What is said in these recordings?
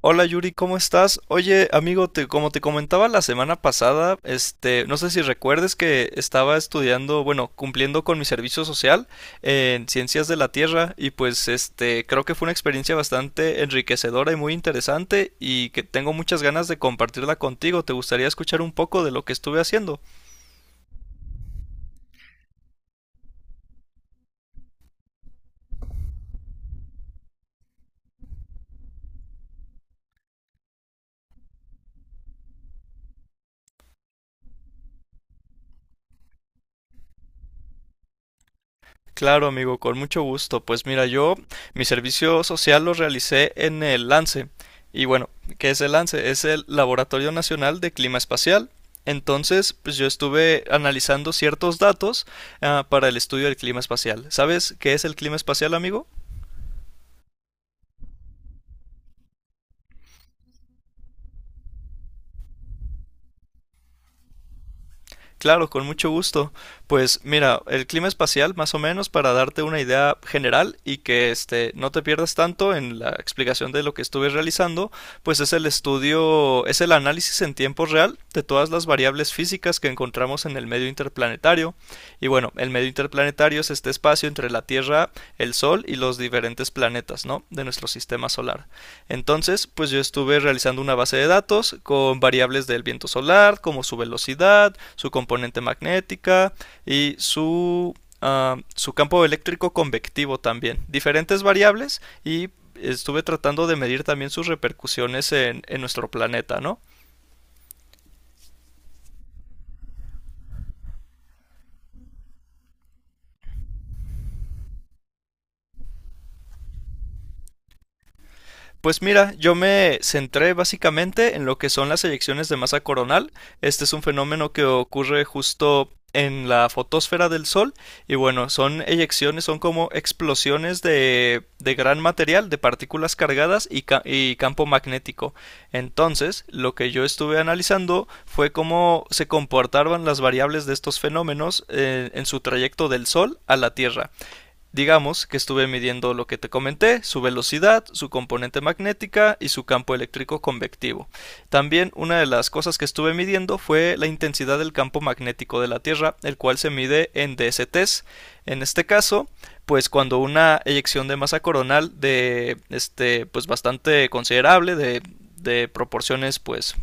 Hola Yuri, ¿cómo estás? Oye, amigo, como te comentaba la semana pasada, no sé si recuerdes que estaba estudiando, bueno, cumpliendo con mi servicio social en Ciencias de la Tierra y pues creo que fue una experiencia bastante enriquecedora y muy interesante y que tengo muchas ganas de compartirla contigo. ¿Te gustaría escuchar un poco de lo que estuve haciendo? Claro, amigo, con mucho gusto. Pues mira, yo mi servicio social lo realicé en el LANCE. Y bueno, ¿qué es el LANCE? Es el Laboratorio Nacional de Clima Espacial. Entonces, pues yo estuve analizando ciertos datos para el estudio del clima espacial. ¿Sabes qué es el clima espacial, amigo? Claro, con mucho gusto. Pues mira, el clima espacial, más o menos, para darte una idea general y que no te pierdas tanto en la explicación de lo que estuve realizando, pues es el estudio, es el análisis en tiempo real de todas las variables físicas que encontramos en el medio interplanetario. Y bueno, el medio interplanetario es este espacio entre la Tierra, el Sol y los diferentes planetas, ¿no? De nuestro sistema solar. Entonces, pues yo estuve realizando una base de datos con variables del viento solar, como su velocidad, su componente magnética y su campo eléctrico convectivo también. Diferentes variables y estuve tratando de medir también sus repercusiones en nuestro planeta, ¿no? Pues mira, yo me centré básicamente en lo que son las eyecciones de masa coronal. Este es un fenómeno que ocurre justo en la fotosfera del Sol y bueno, son eyecciones, son como explosiones de gran material, de partículas cargadas y campo magnético. Entonces, lo que yo estuve analizando fue cómo se comportaban las variables de estos fenómenos en su trayecto del Sol a la Tierra. Digamos que estuve midiendo lo que te comenté, su velocidad, su componente magnética y su campo eléctrico convectivo. También una de las cosas que estuve midiendo fue la intensidad del campo magnético de la Tierra, el cual se mide en DSTs. En este caso, pues cuando una eyección de masa coronal de este pues bastante considerable de proporciones pues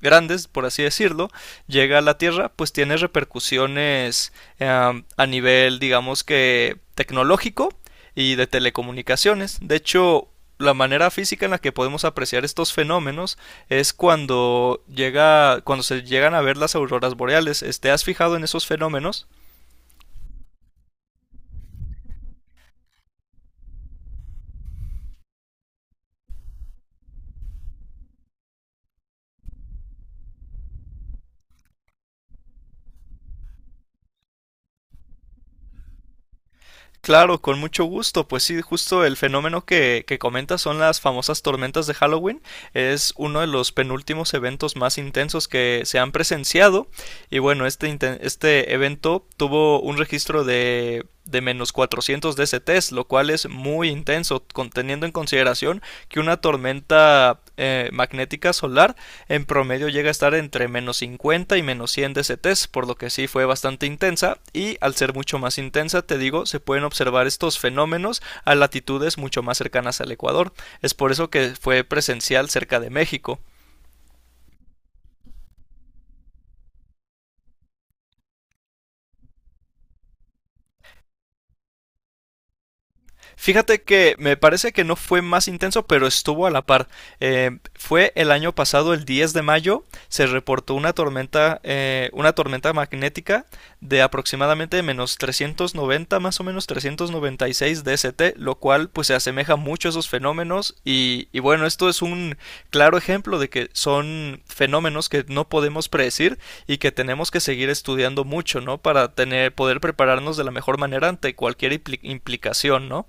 grandes, por así decirlo, llega a la Tierra, pues tiene repercusiones a nivel, digamos que tecnológico y de telecomunicaciones. De hecho, la manera física en la que podemos apreciar estos fenómenos es cuando se llegan a ver las auroras boreales. ¿Te has fijado en esos fenómenos? Claro, con mucho gusto. Pues sí, justo el fenómeno que comentas son las famosas tormentas de Halloween. Es uno de los penúltimos eventos más intensos que se han presenciado. Y bueno, este evento tuvo un registro de menos 400 DCTs, lo cual es muy intenso, teniendo en consideración que una tormenta magnética solar en promedio llega a estar entre menos 50 y menos 100 DCTs, por lo que sí fue bastante intensa y al ser mucho más intensa, te digo, se pueden observar estos fenómenos a latitudes mucho más cercanas al Ecuador. Es por eso que fue presencial cerca de México. Fíjate que me parece que no fue más intenso, pero estuvo a la par. Fue el año pasado, el 10 de mayo, se reportó una tormenta magnética de aproximadamente menos 390, más o menos 396 DST, lo cual pues se asemeja mucho a esos fenómenos y bueno, esto es un claro ejemplo de que son fenómenos que no podemos predecir y que tenemos que seguir estudiando mucho, ¿no? Para poder prepararnos de la mejor manera ante cualquier implicación, ¿no?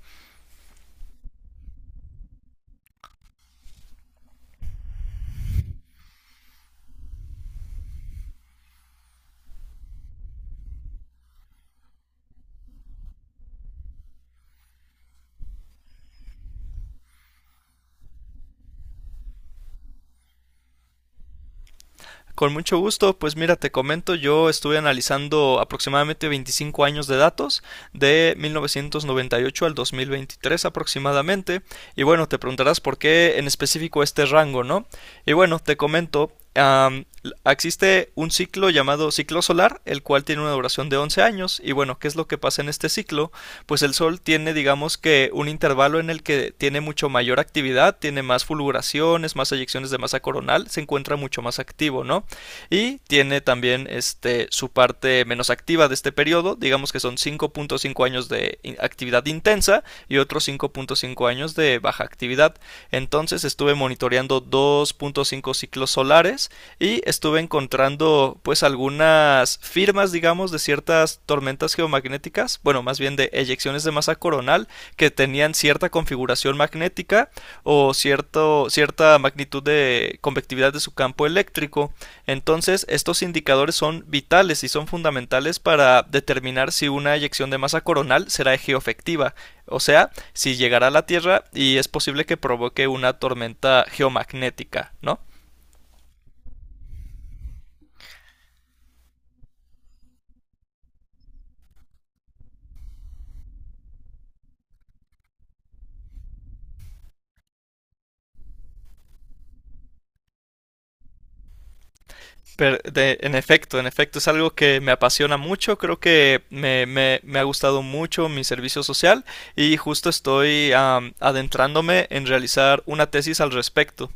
Con mucho gusto, pues mira, te comento, yo estuve analizando aproximadamente 25 años de datos, de 1998 al 2023 aproximadamente, y bueno, te preguntarás por qué en específico este rango, ¿no? Y bueno, te comento, existe un ciclo llamado ciclo solar, el cual tiene una duración de 11 años, y bueno, ¿qué es lo que pasa en este ciclo? Pues el Sol tiene, digamos que, un intervalo en el que tiene mucho mayor actividad, tiene más fulguraciones, más eyecciones de masa coronal, se encuentra mucho más activo, ¿no? Y tiene también su parte menos activa de este periodo, digamos que son 5,5 años de actividad intensa y otros 5,5 años de baja actividad. Entonces estuve monitoreando 2,5 ciclos solares y estuve encontrando pues algunas firmas, digamos, de ciertas tormentas geomagnéticas, bueno, más bien de eyecciones de masa coronal que tenían cierta configuración magnética o cierta magnitud de convectividad de su campo eléctrico. Entonces, estos indicadores son vitales y son fundamentales para determinar si una eyección de masa coronal será geoefectiva, o sea, si llegará a la Tierra y es posible que provoque una tormenta geomagnética, ¿no? Pero en efecto, es algo que me apasiona mucho, creo que me ha gustado mucho mi servicio social y justo estoy adentrándome en realizar una tesis al respecto.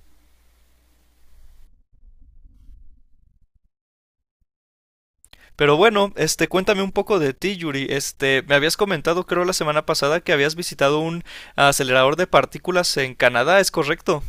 Pero bueno, cuéntame un poco de ti, Yuri. Me habías comentado, creo, la semana pasada que habías visitado un acelerador de partículas en Canadá, ¿es correcto?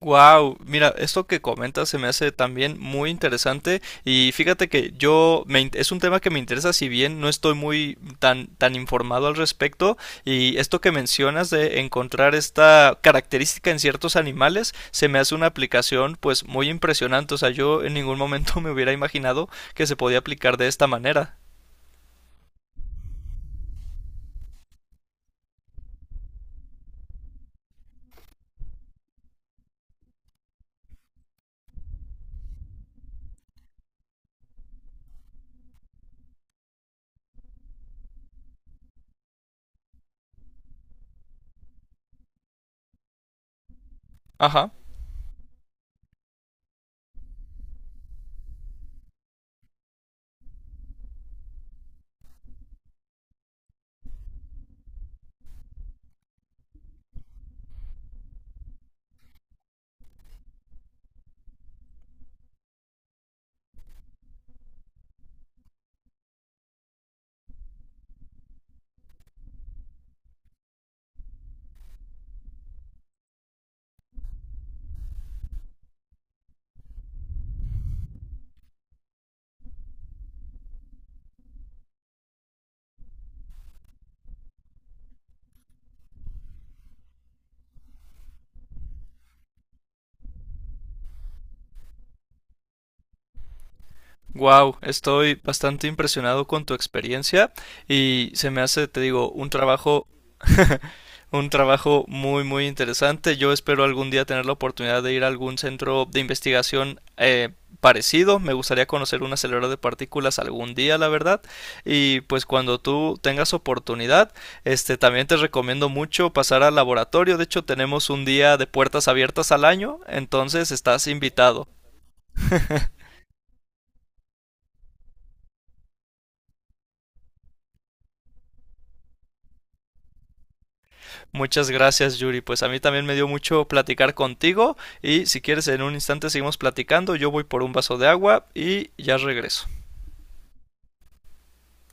Wow, mira, esto que comentas se me hace también muy interesante y fíjate que es un tema que me interesa si bien no estoy muy tan tan informado al respecto y esto que mencionas de encontrar esta característica en ciertos animales se me hace una aplicación pues muy impresionante, o sea, yo en ningún momento me hubiera imaginado que se podía aplicar de esta manera. Ajá. Wow, estoy bastante impresionado con tu experiencia y se me hace, te digo, un trabajo muy, muy interesante. Yo espero algún día tener la oportunidad de ir a algún centro de investigación parecido. Me gustaría conocer un acelerador de partículas algún día, la verdad. Y pues cuando tú tengas oportunidad, también te recomiendo mucho pasar al laboratorio. De hecho, tenemos un día de puertas abiertas al año, entonces estás invitado. Muchas gracias, Yuri. Pues a mí también me dio mucho platicar contigo y si quieres en un instante seguimos platicando. Yo voy por un vaso de agua y ya regreso.